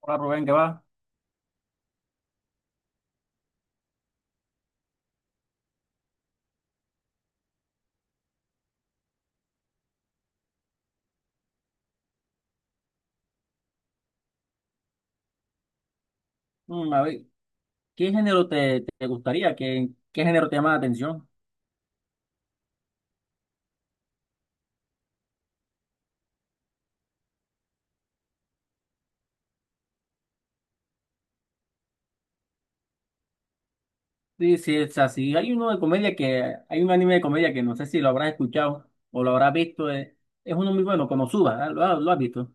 Hola Rubén, ¿qué va? A ver, ¿qué género te gustaría? ¿Qué género te llama la atención? Sí, sí, o sea, si hay uno de comedia que, hay un anime de comedia que no sé si lo habrás escuchado o lo habrás visto, es, uno muy bueno, Konosuba, ¿ah? ¿Lo has visto?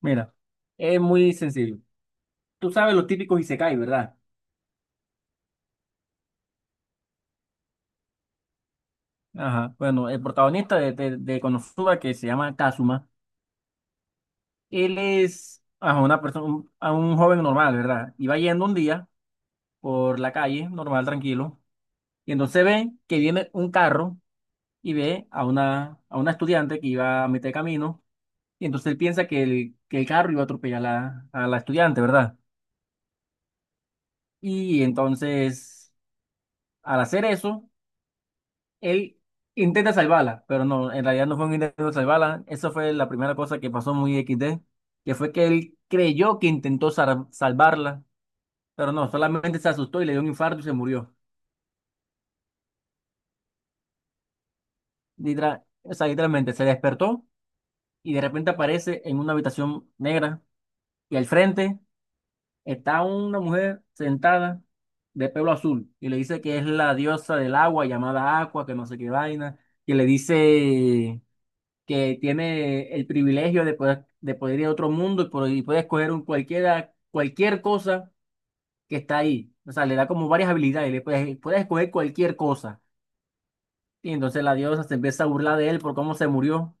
Mira, es muy sencillo. Tú sabes los típicos Isekai, ¿verdad? Ajá, bueno, el protagonista de Konosuba que se llama Kazuma, él es ajá, una persona, a un joven normal, ¿verdad? Y va yendo un día por la calle, normal, tranquilo. Y entonces ve que viene un carro y ve a una estudiante que iba a mitad de camino. Y entonces él piensa que que el carro iba a atropellar a la estudiante, ¿verdad? Y entonces, al hacer eso, él intenta salvarla, pero no, en realidad no fue un intento de salvarla. Eso fue la primera cosa que pasó muy XD, que fue que él creyó que intentó salvarla, pero no, solamente se asustó y le dio un infarto y se murió. O sea, literalmente se despertó y de repente aparece en una habitación negra. Y al frente está una mujer sentada de pelo azul y le dice que es la diosa del agua llamada Aqua, que no sé qué vaina, y le dice que tiene el privilegio de poder ir a otro mundo y, y puede escoger cualquier cosa que está ahí. O sea, le da como varias habilidades, puedes escoger cualquier cosa. Y entonces la diosa se empieza a burlar de él por cómo se murió,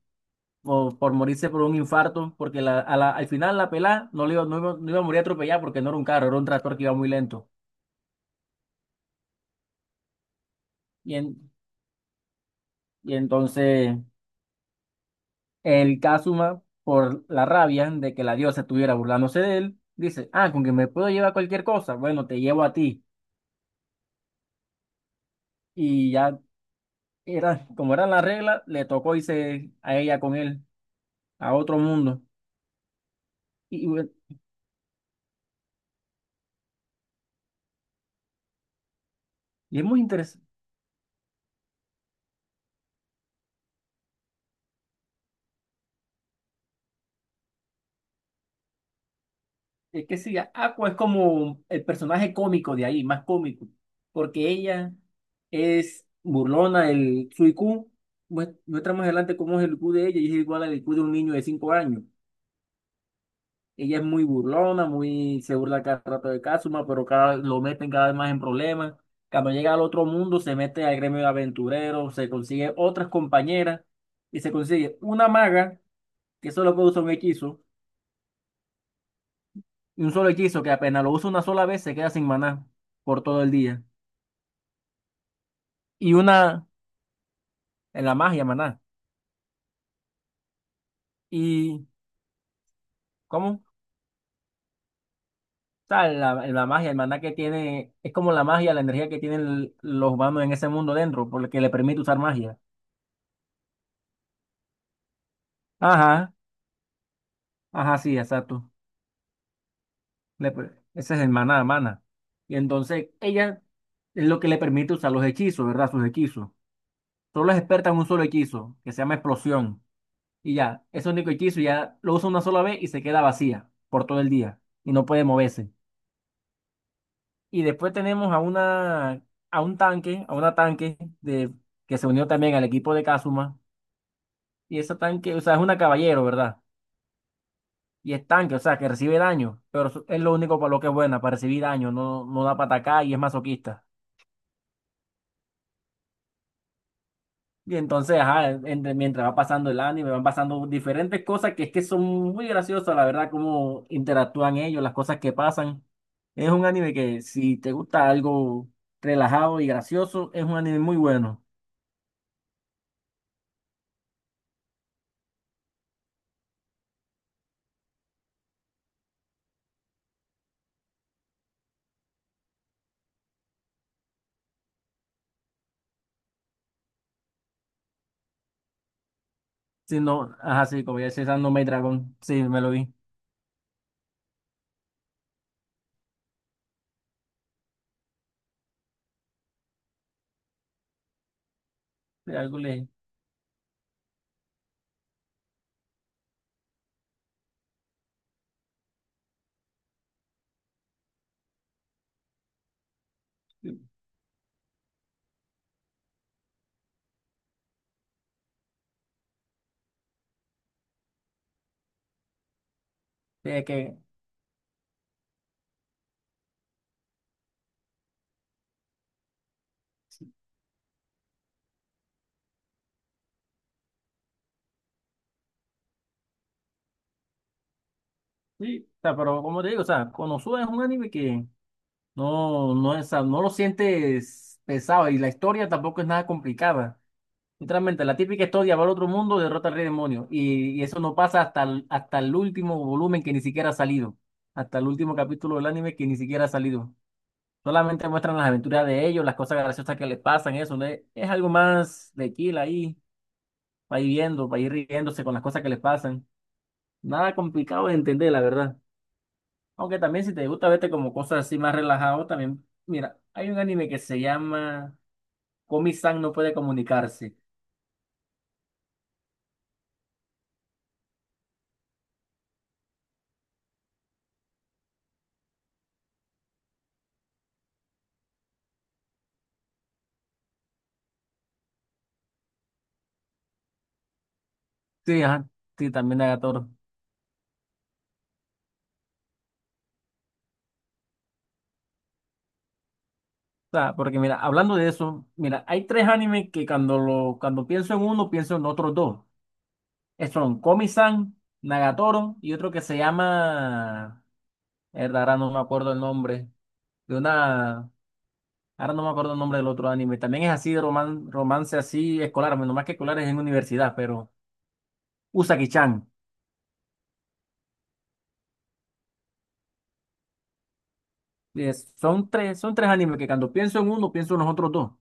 o por morirse por un infarto, porque al final la pelada no iba a morir atropellada porque no era un carro, era un tractor que iba muy lento. Y, en- y entonces el Kazuma, por la rabia de que la diosa estuviera burlándose de él, dice, ah, con que me puedo llevar cualquier cosa, bueno, te llevo a ti. Y ya era, como era la regla, le tocó irse a ella con él, a otro mundo. Y bueno, y es muy interesante. Es que sí, Aqua es como el personaje cómico de ahí, más cómico, porque ella es burlona, su IQ, muestra más adelante cómo es el IQ de ella y es igual al IQ de un niño de 5 años. Ella es muy burlona, muy, se burla cada rato de Kazuma, pero lo meten cada vez más en problemas. Cuando llega al otro mundo, se mete al gremio de aventureros, se consigue otras compañeras y se consigue una maga que solo puede usar un hechizo. Y un solo hechizo que apenas lo usa una sola vez se queda sin maná por todo el día. Y una en la magia, maná. ¿Y cómo? O sea, la magia, el maná que tiene, es como la magia, la energía que tienen los humanos en ese mundo dentro, por lo que le permite usar magia. Ajá, ajá, sí, exacto. Ese es el maná, mana. Y entonces ella es lo que le permite usar los hechizos, ¿verdad? Sus hechizos. Solo es experta en un solo hechizo, que se llama explosión. Y ya, es el único hechizo, ya lo usa una sola vez y se queda vacía por todo el día y no puede moverse. Y después tenemos a una a un tanque, a una tanque de que se unió también al equipo de Kazuma, y ese tanque, o sea, es una caballero, ¿verdad? Y es tanque, o sea, que recibe daño, pero eso es lo único para lo que es buena, para recibir daño, no da para atacar y es masoquista. Y entonces, ajá, mientras va pasando el anime, van pasando diferentes cosas que es que son muy graciosas, la verdad, cómo interactúan ellos, las cosas que pasan. Es un anime que si te gusta algo relajado y gracioso, es un anime muy bueno. Si no, ajá, sí, como ya decía, esa No me Dragon, sí, me lo vi. Sí, algo le... sí, es que, sí, o sea, pero como te digo, o sea, Konosuba es un anime que no, no, no lo sientes pesado y la historia tampoco es nada complicada. Literalmente, la típica historia va al otro mundo, derrota al rey demonio. Y eso no pasa hasta hasta el último volumen que ni siquiera ha salido. Hasta el último capítulo del anime que ni siquiera ha salido. Solamente muestran las aventuras de ellos, las cosas graciosas que les pasan, eso, ¿no? Es algo más de kill ahí, para ir viendo, para ir riéndose con las cosas que les pasan. Nada complicado de entender, la verdad. Aunque también si te gusta verte como cosas así más relajado, también, mira, hay un anime que se llama Komi-san no puede comunicarse. Sí, ajá, sí, también de Agatoro. Sea, porque mira, hablando de eso, mira, hay tres animes que cuando pienso en uno, pienso en otros dos. Son Komi-san, Nagatoro y otro que se llama... Mierda, ahora no me acuerdo el nombre. De una... Ahora no me acuerdo el nombre del otro anime. También es así de romance así escolar, menos más que escolar es en universidad, pero Usagi-chan. Son tres, animes que cuando pienso en uno, pienso en los otros dos,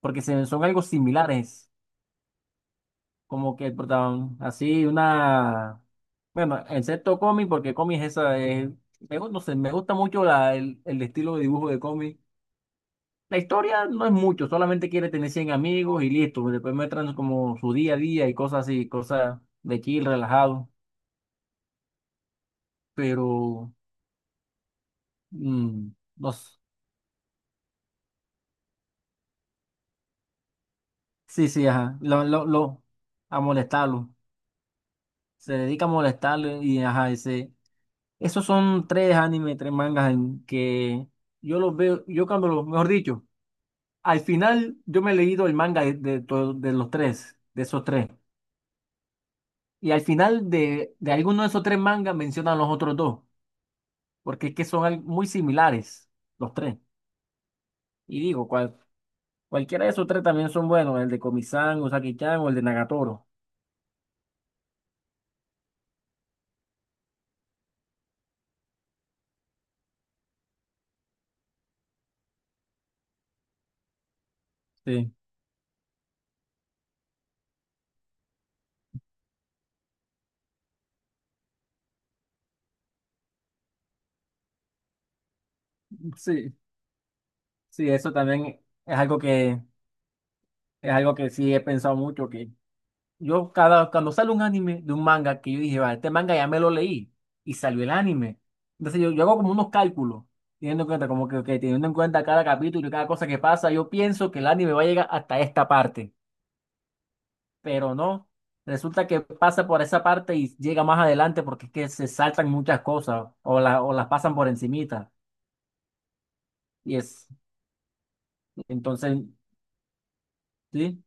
porque son algo similares. Como que el protagonista, así una, bueno, excepto cómic, porque cómic es esa, no sé, me gusta mucho el estilo de dibujo de cómic. La historia no es mucho, solamente quiere tener 100 amigos y listo, pues, después muestran como su día a día y cosas así, cosas de chill, relajado, pero, mm, no sé. Sí, sí, ajá, a molestarlo, se dedica a molestarlo y ajá, ese. Esos son tres animes, tres mangas en que yo los veo, yo cuando los, mejor dicho, al final yo me he leído el manga de los tres, de esos tres. Y al final de alguno de esos tres mangas mencionan los otros dos, porque es que son muy similares los tres. Y digo, cualquiera de esos tres también son buenos, el de Komi-san, Usagi-chan o el de Nagatoro. Sí, sí, sí, eso también es algo que, es algo que sí he pensado mucho. Yo cuando sale un anime de un manga que yo dije, vale, este manga ya me lo leí y salió el anime. Entonces yo, hago como unos cálculos, teniendo en cuenta, que teniendo en cuenta cada capítulo y cada cosa que pasa, yo pienso que el anime va a llegar hasta esta parte, pero no. Resulta que pasa por esa parte y llega más adelante porque es que se saltan muchas cosas o, o las pasan por encimita. Y es, entonces, sí,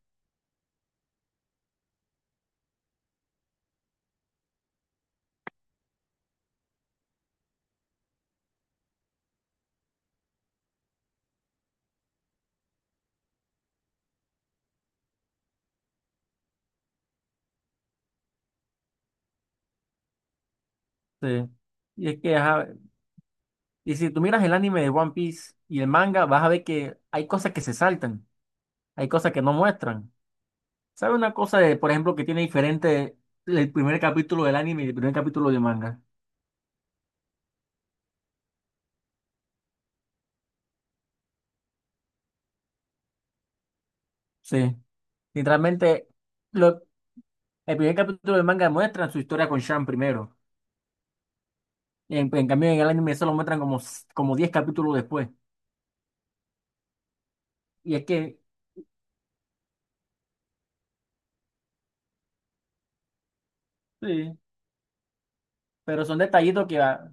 sí. Y es que, ajá, y si tú miras el anime de One Piece y el manga, vas a ver que hay cosas que se saltan. Hay cosas que no muestran. ¿Sabe una cosa de, por ejemplo, que tiene diferente el primer capítulo del anime y el primer capítulo de manga? Sí. Literalmente, lo, el primer capítulo de manga muestra su historia con Shan primero. Y en, cambio, en el anime solo muestran como, como 10 capítulos después. Y es que, sí, pero son detallitos que,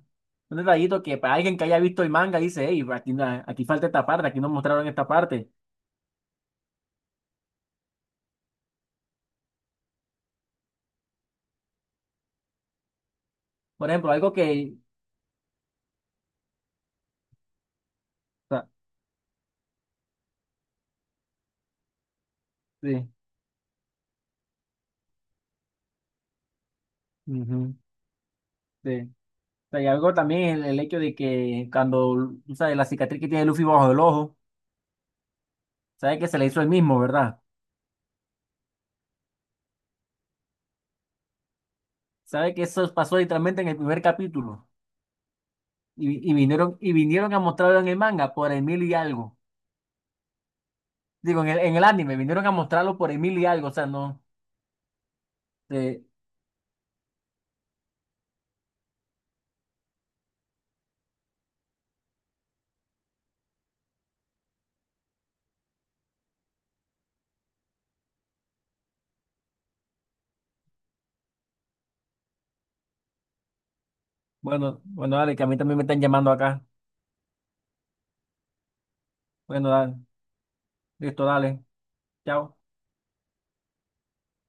son detallitos que para alguien que haya visto el manga dice, hey, aquí, aquí falta esta parte, aquí no mostraron esta parte. Por ejemplo, algo que, o sea, sí, ujú, sí. O sea, y algo también el hecho de que cuando, tú sabes, la cicatriz que tiene Luffy bajo el ojo, sabe que se la hizo él mismo, ¿verdad? Sabe que eso pasó literalmente en el primer capítulo. Y vinieron a mostrarlo en el manga por el mil y algo. Digo, en el, anime, vinieron a mostrarlo por el mil y algo. O sea, no. eh, bueno, bueno, dale, que a mí también me están llamando acá. Bueno, dale, listo, dale. Chao.